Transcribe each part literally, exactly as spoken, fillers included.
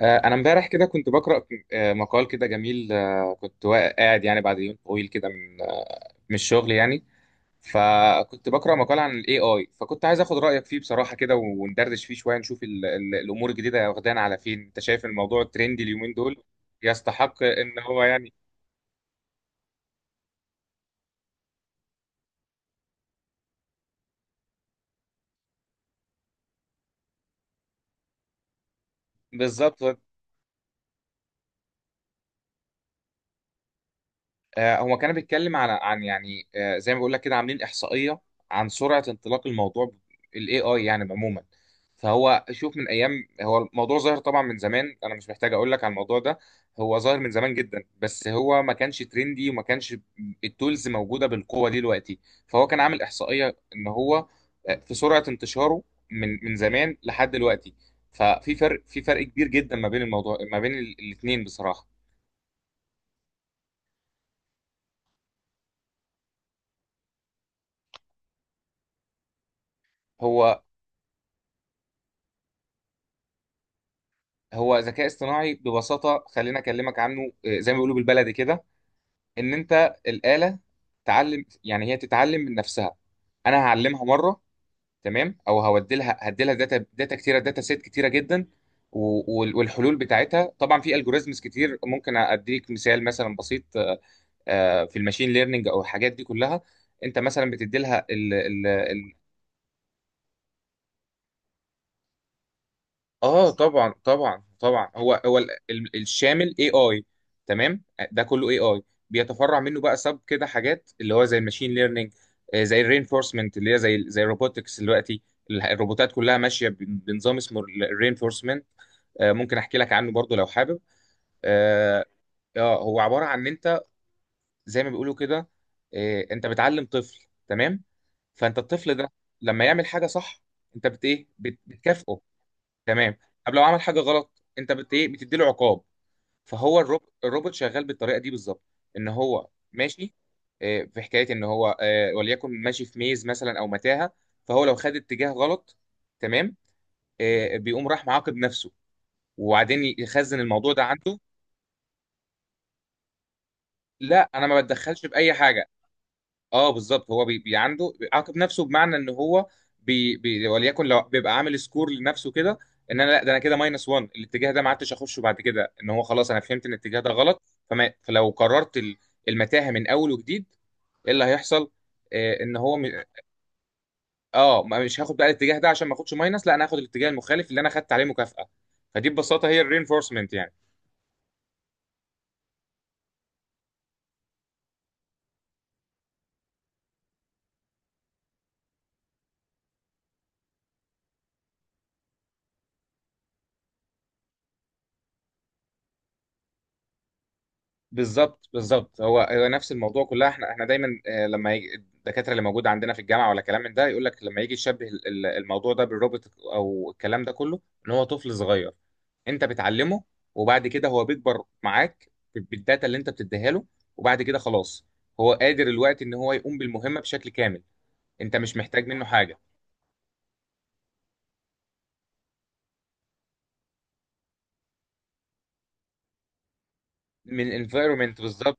آه، انا امبارح كده كنت بقرا آه، مقال كده جميل. آه، كنت وا- قاعد يعني بعد يوم طويل كده من آه، من الشغل يعني. فكنت بقرا مقال عن الاي اي، فكنت عايز اخد رايك فيه بصراحه كده وندردش فيه شويه نشوف ال ال الامور الجديده واخدانا على فين. انت شايف الموضوع الترندي اليومين دول يستحق ان هو يعني بالظبط؟ آه، هو كان بيتكلم على عن يعني، آه، زي ما بقول لك كده، عاملين احصائيه عن سرعه انطلاق الموضوع، الاي اي يعني عموما. فهو شوف، من ايام، هو الموضوع ظاهر طبعا من زمان، انا مش محتاج اقول لك على الموضوع ده، هو ظاهر من زمان جدا، بس هو ما كانش ترندي وما كانش التولز موجوده بالقوه دي دلوقتي. فهو كان عامل احصائيه ان هو آه، في سرعه انتشاره من من زمان لحد دلوقتي. ففي فرق في فرق كبير جدا ما بين الموضوع، ما بين الاثنين بصراحه. هو هو ذكاء اصطناعي ببساطة. خلينا أكلمك عنه، آه، زي ما بيقولوا بالبلدي كده، إن أنت الآلة تعلم، يعني هي تتعلم من نفسها. أنا هعلمها مرة، تمام، أو هودي لها هدي لها داتا داتا كتيرة داتا سيت كتيرة جدا. و- وال- والحلول بتاعتها طبعا، في الجوريزمز كتير. ممكن أديك مثال مثلا بسيط، آه، آه، في الماشين ليرنينج أو الحاجات دي كلها. أنت مثلا بتدي لها. اه طبعا طبعا طبعا، هو هو ال- ال- الشامل اي اي. تمام، ده كله اي اي. بيتفرع منه بقى سب كده حاجات، اللي هو زي الماشين ليرنينج، زي الرينفورسمنت اللي هي زي زي الروبوتكس دلوقتي. ال- الروبوتات كلها ماشيه ب- بنظام اسمه الرينفورسمنت. ممكن احكي لك عنه برضو لو حابب. اه. آه، هو عباره عن ان انت، زي ما بيقولوا كده، آه، انت بتعلم طفل، تمام. فانت الطفل ده لما يعمل حاجه صح، انت بت ايه، بت- بتكافئه. تمام. طب لو عمل حاجه غلط، انت بت ايه، بتدي له عقاب. فهو الروب... الروبوت شغال بالطريقه دي بالظبط، ان هو ماشي آه، في حكايه ان هو، آه، وليكن ماشي في ميز مثلا او متاهه، فهو لو خد اتجاه غلط، تمام، آه، بيقوم راح معاقب نفسه وبعدين يخزن الموضوع ده عنده. لا، انا ما بتدخلش باي حاجه. اه بالظبط، هو بي بي عنده بيعاقب نفسه، بمعنى ان هو بي بي وليكن لو بيبقى عامل سكور لنفسه كده، ان انا لا، ده انا كده ماينس واحد، الاتجاه ده ما عدتش اخشه بعد كده، ان هو خلاص انا فهمت ان الاتجاه ده غلط. فما فلو قررت ال- المتاهه من اول وجديد، ايه اللي هيحصل؟ آه ان هو م... اه ما- مش هاخد بقى الاتجاه ده عشان ما اخدش ماينس، لا انا هاخد الاتجاه المخالف اللي انا خدت عليه مكافاه. فدي ببساطه هي الرينفورسمنت يعني. بالظبط بالظبط، هو هو نفس الموضوع كلها. احنا احنا دايما آه، لما يجي الدكاتره اللي موجوده عندنا في الجامعه ولا كلام من ده، يقول لك لما يجي يشبه ال- ال- الموضوع ده بالروبوت او الكلام ده كله، ان هو طفل صغير انت بتعلمه، وبعد كده هو بيكبر معاك ب- بالداتا اللي انت بتديها له، وبعد كده خلاص هو قادر الوقت ان هو يقوم بالمهمه بشكل كامل، انت مش محتاج منه حاجه. من environment بالظبط.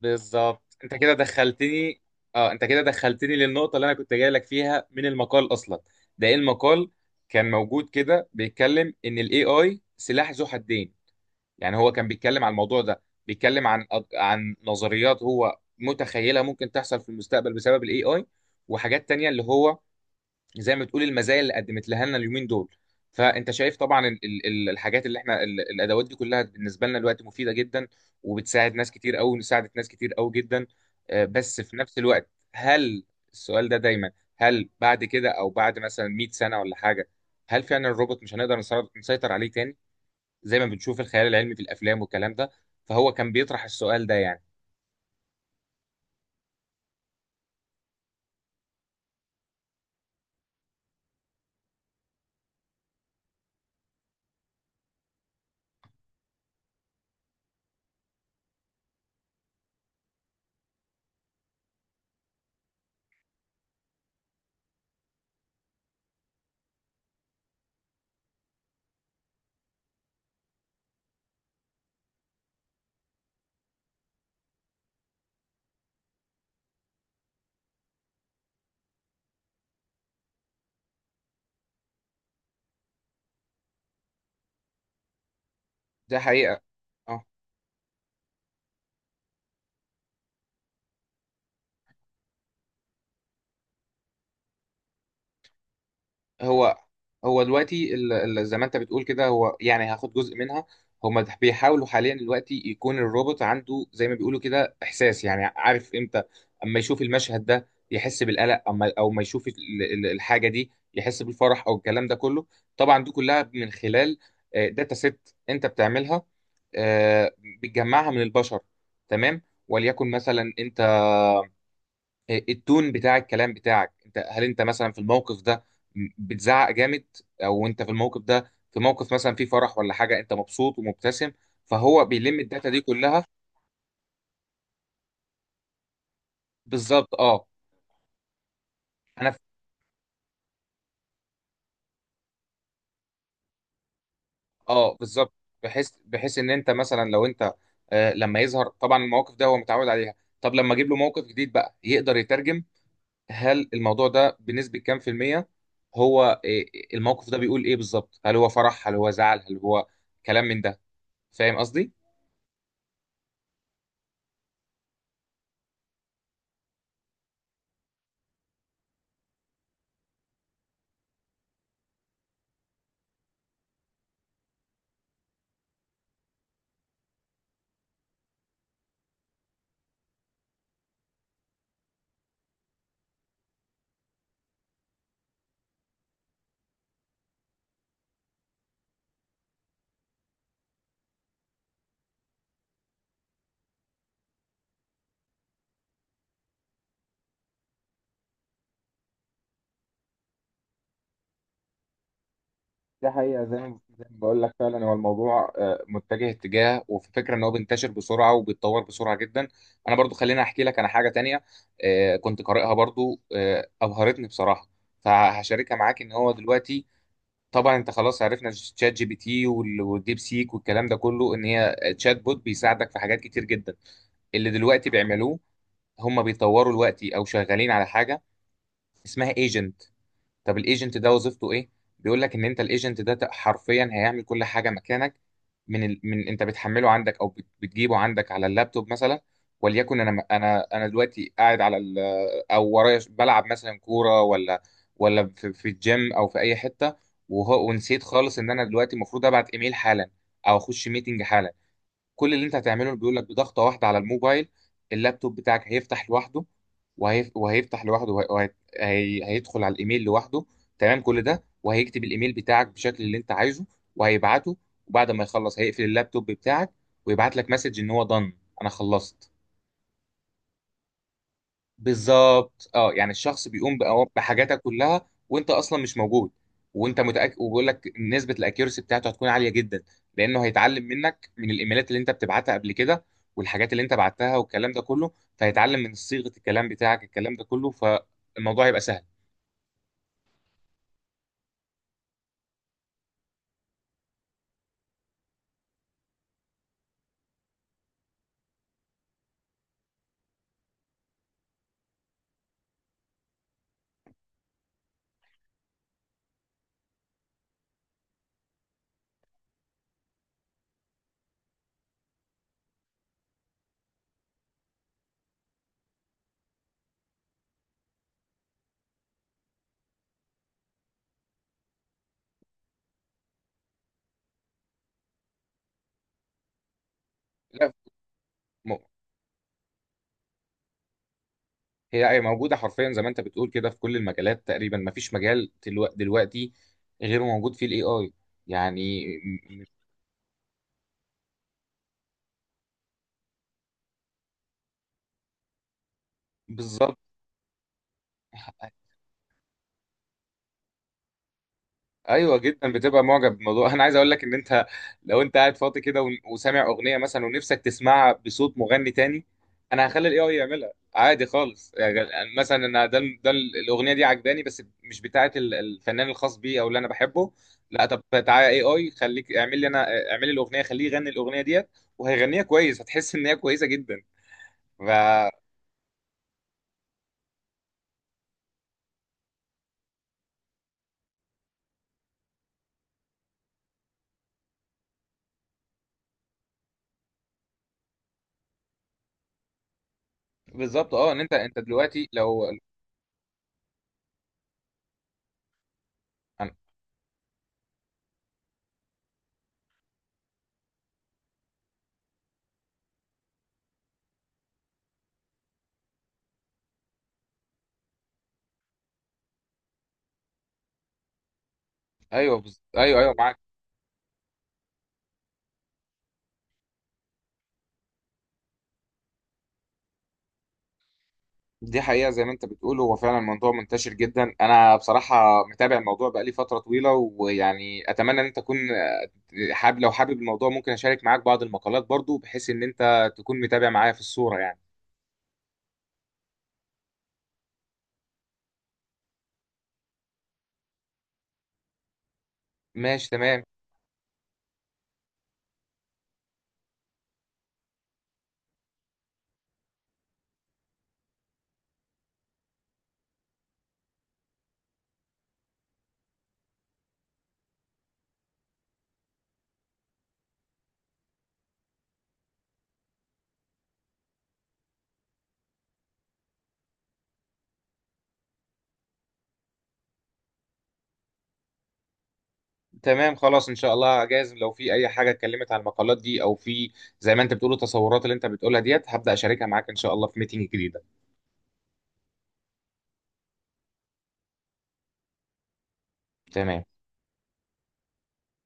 بالظبط، انت كده دخلتني. اه، انت كده دخلتني للنقطة اللي انا كنت جاي لك فيها من المقال اصلا. ده ايه المقال، كان موجود كده بيتكلم ان الاي اي سلاح ذو حدين، يعني هو كان بيتكلم عن الموضوع ده، بيتكلم عن عن نظريات هو متخيلها ممكن تحصل في المستقبل بسبب الاي اي، وحاجات تانية اللي هو، زي ما بتقول، المزايا اللي قدمت لها لنا اليومين دول. فانت شايف طبعا ال- ال- ال- الحاجات اللي احنا، ال- الادوات دي كلها بالنسبه لنا دلوقتي مفيده جدا وبتساعد ناس كتير قوي، ساعدت ناس كتير قوي جدا. آه، بس في نفس الوقت، هل، السؤال ده دايما، هل بعد كده او بعد مثلا ميه سنه ولا حاجه، هل فعلا الروبوت مش هنقدر نسيطر نسيطر عليه تاني زي ما بنشوف الخيال العلمي في الافلام والكلام ده؟ فهو كان بيطرح السؤال ده يعني. ده حقيقه. هو هو دلوقتي ال-، ال- زي ما انت بتقول كده، هو يعني هاخد جزء منها. هما د- بيحاولوا حاليا دلوقتي يكون الروبوت عنده، زي ما بيقولوا كده، احساس، يعني عارف امتى اما يشوف المشهد ده يحس بالقلق، اما او ما يشوف ال- ال- الحاجه دي يحس بالفرح او الكلام ده كله. طبعا دي كلها من خلال آه، داتا سيت انت بتعملها، آه، بتجمعها من البشر، تمام. وليكن مثلا انت، التون بتاع الكلام بتاعك انت، هل انت مثلا في الموقف ده بتزعق جامد، او انت في الموقف ده، في موقف مثلا فيه فرح ولا حاجه، انت مبسوط ومبتسم. فهو بيلم الداتا دي كلها بالظبط. اه، انا ف- اه بالظبط، بحيث بحيث ان انت مثلا، لو انت آه لما يظهر طبعا المواقف ده هو متعود عليها. طب لما اجيب له موقف جديد بقى، يقدر يترجم هل الموضوع ده بنسبه كام في الميه هو، آه، الموقف ده بيقول ايه بالظبط، هل هو فرح، هل هو زعل، هل هو كلام من ده. فاهم قصدي. ده حقيقة، زي ما زي ما بقول لك، فعلا هو الموضوع آه، متجه اتجاه، وفي فكرة ان هو بينتشر بسرعة وبيتطور بسرعة جدا. انا برضو خليني احكي لك انا حاجة تانية آه، كنت قارئها برضو، آه، ابهرتني بصراحة، فهشاركها معاك. ان هو دلوقتي، طبعا انت خلاص، عرفنا تشات جي بي تي وال- والديب سيك والكلام ده كله، ان هي تشات بوت بيساعدك في حاجات كتير جدا. اللي دلوقتي بيعملوه، هم بيطوروا دلوقتي او شغالين على حاجة اسمها ايجنت. طب الايجنت ده وظيفته ايه؟ بيقول لك ان انت الايجنت ده ت- حرفيا هيعمل كل حاجه مكانك، من ال... من انت بتحمله عندك او بت- بتجيبه عندك على اللابتوب مثلا. وليكن انا، انا انا دلوقتي قاعد على ال... او ورايا ش- بلعب مثلا كوره، ولا ولا في, في الجيم او في اي حته، وهو ونسيت خالص ان انا دلوقتي المفروض ابعت ايميل حالا، او اخش ميتنج حالا. كل اللي انت هتعمله، بيقول لك، بضغطه واحده على الموبايل اللابتوب بتاعك هيفتح لوحده، وهيف... وهيفتح لوحده وهي... وهي... هي- هيدخل على الايميل لوحده، تمام، كل ده، وهيكتب الايميل بتاعك بالشكل اللي انت عايزه وهيبعته، وبعد ما يخلص هيقفل اللابتوب بتاعك ويبعت لك مسج ان هو done، انا خلصت. بالظبط، اه، يعني الشخص بيقوم بأو- بحاجاتك كلها وانت اصلا مش موجود. وانت متاكد، وبيقول لك نسبه الاكيورسي بتاعته هتكون عاليه جدا لانه هيتعلم منك من الايميلات اللي انت بتبعتها قبل كده والحاجات اللي انت بعتها والكلام ده كله، فهيتعلم من صيغه الكلام بتاعك الكلام ده كله، فالموضوع هيبقى سهل. لا. م- هي موجوده حرفيا زي ما انت بتقول كده في كل المجالات تقريبا، ما فيش مجال دلوقتي, دلوقتي غير موجود فيه الاي اي، يعني. م- م- بالظبط. ايوه، جدا، بتبقى معجب بالموضوع. انا عايز اقول لك ان انت لو انت قاعد فاضي كده ون- وسامع اغنيه مثلا، ونفسك تسمعها بصوت مغني تاني، انا هخلي الاي اي يعملها عادي خالص، يعني غ- مثلا، انا ده ده الاغنيه دي عجباني، بس مش بتاعه ال- الفنان الخاص بي او اللي انا بحبه. لا، طب تعالى اي اي، خليك اعمل لي انا اعمل لي الاغنيه، خليه يغني الاغنيه ديت، وهيغنيها كويس، هتحس ان هي كويسه جدا. ف بالظبط، اه، ان انت انت دلوقتي لو، ايوه بز... ايوه ايوه، معاك. دي حقيقة، زي ما انت بتقول، هو فعلا موضوع منتشر جدا. انا بصراحة متابع الموضوع بقالي فترة طويلة، ويعني اتمنى ان انت تكون حابب، لو حابب الموضوع ممكن اشارك معاك بعض المقالات برضو، بحيث ان انت تكون متابع معايا في الصورة يعني. ماشي تمام. تمام خلاص ان شاء الله، جايز لو في اي حاجة اتكلمت عن المقالات دي او في، زي ما انت بتقول، التصورات اللي انت بتقولها ديت، هبدأ اشاركها معاك ان شاء الله في ميتنج جديدة. تمام.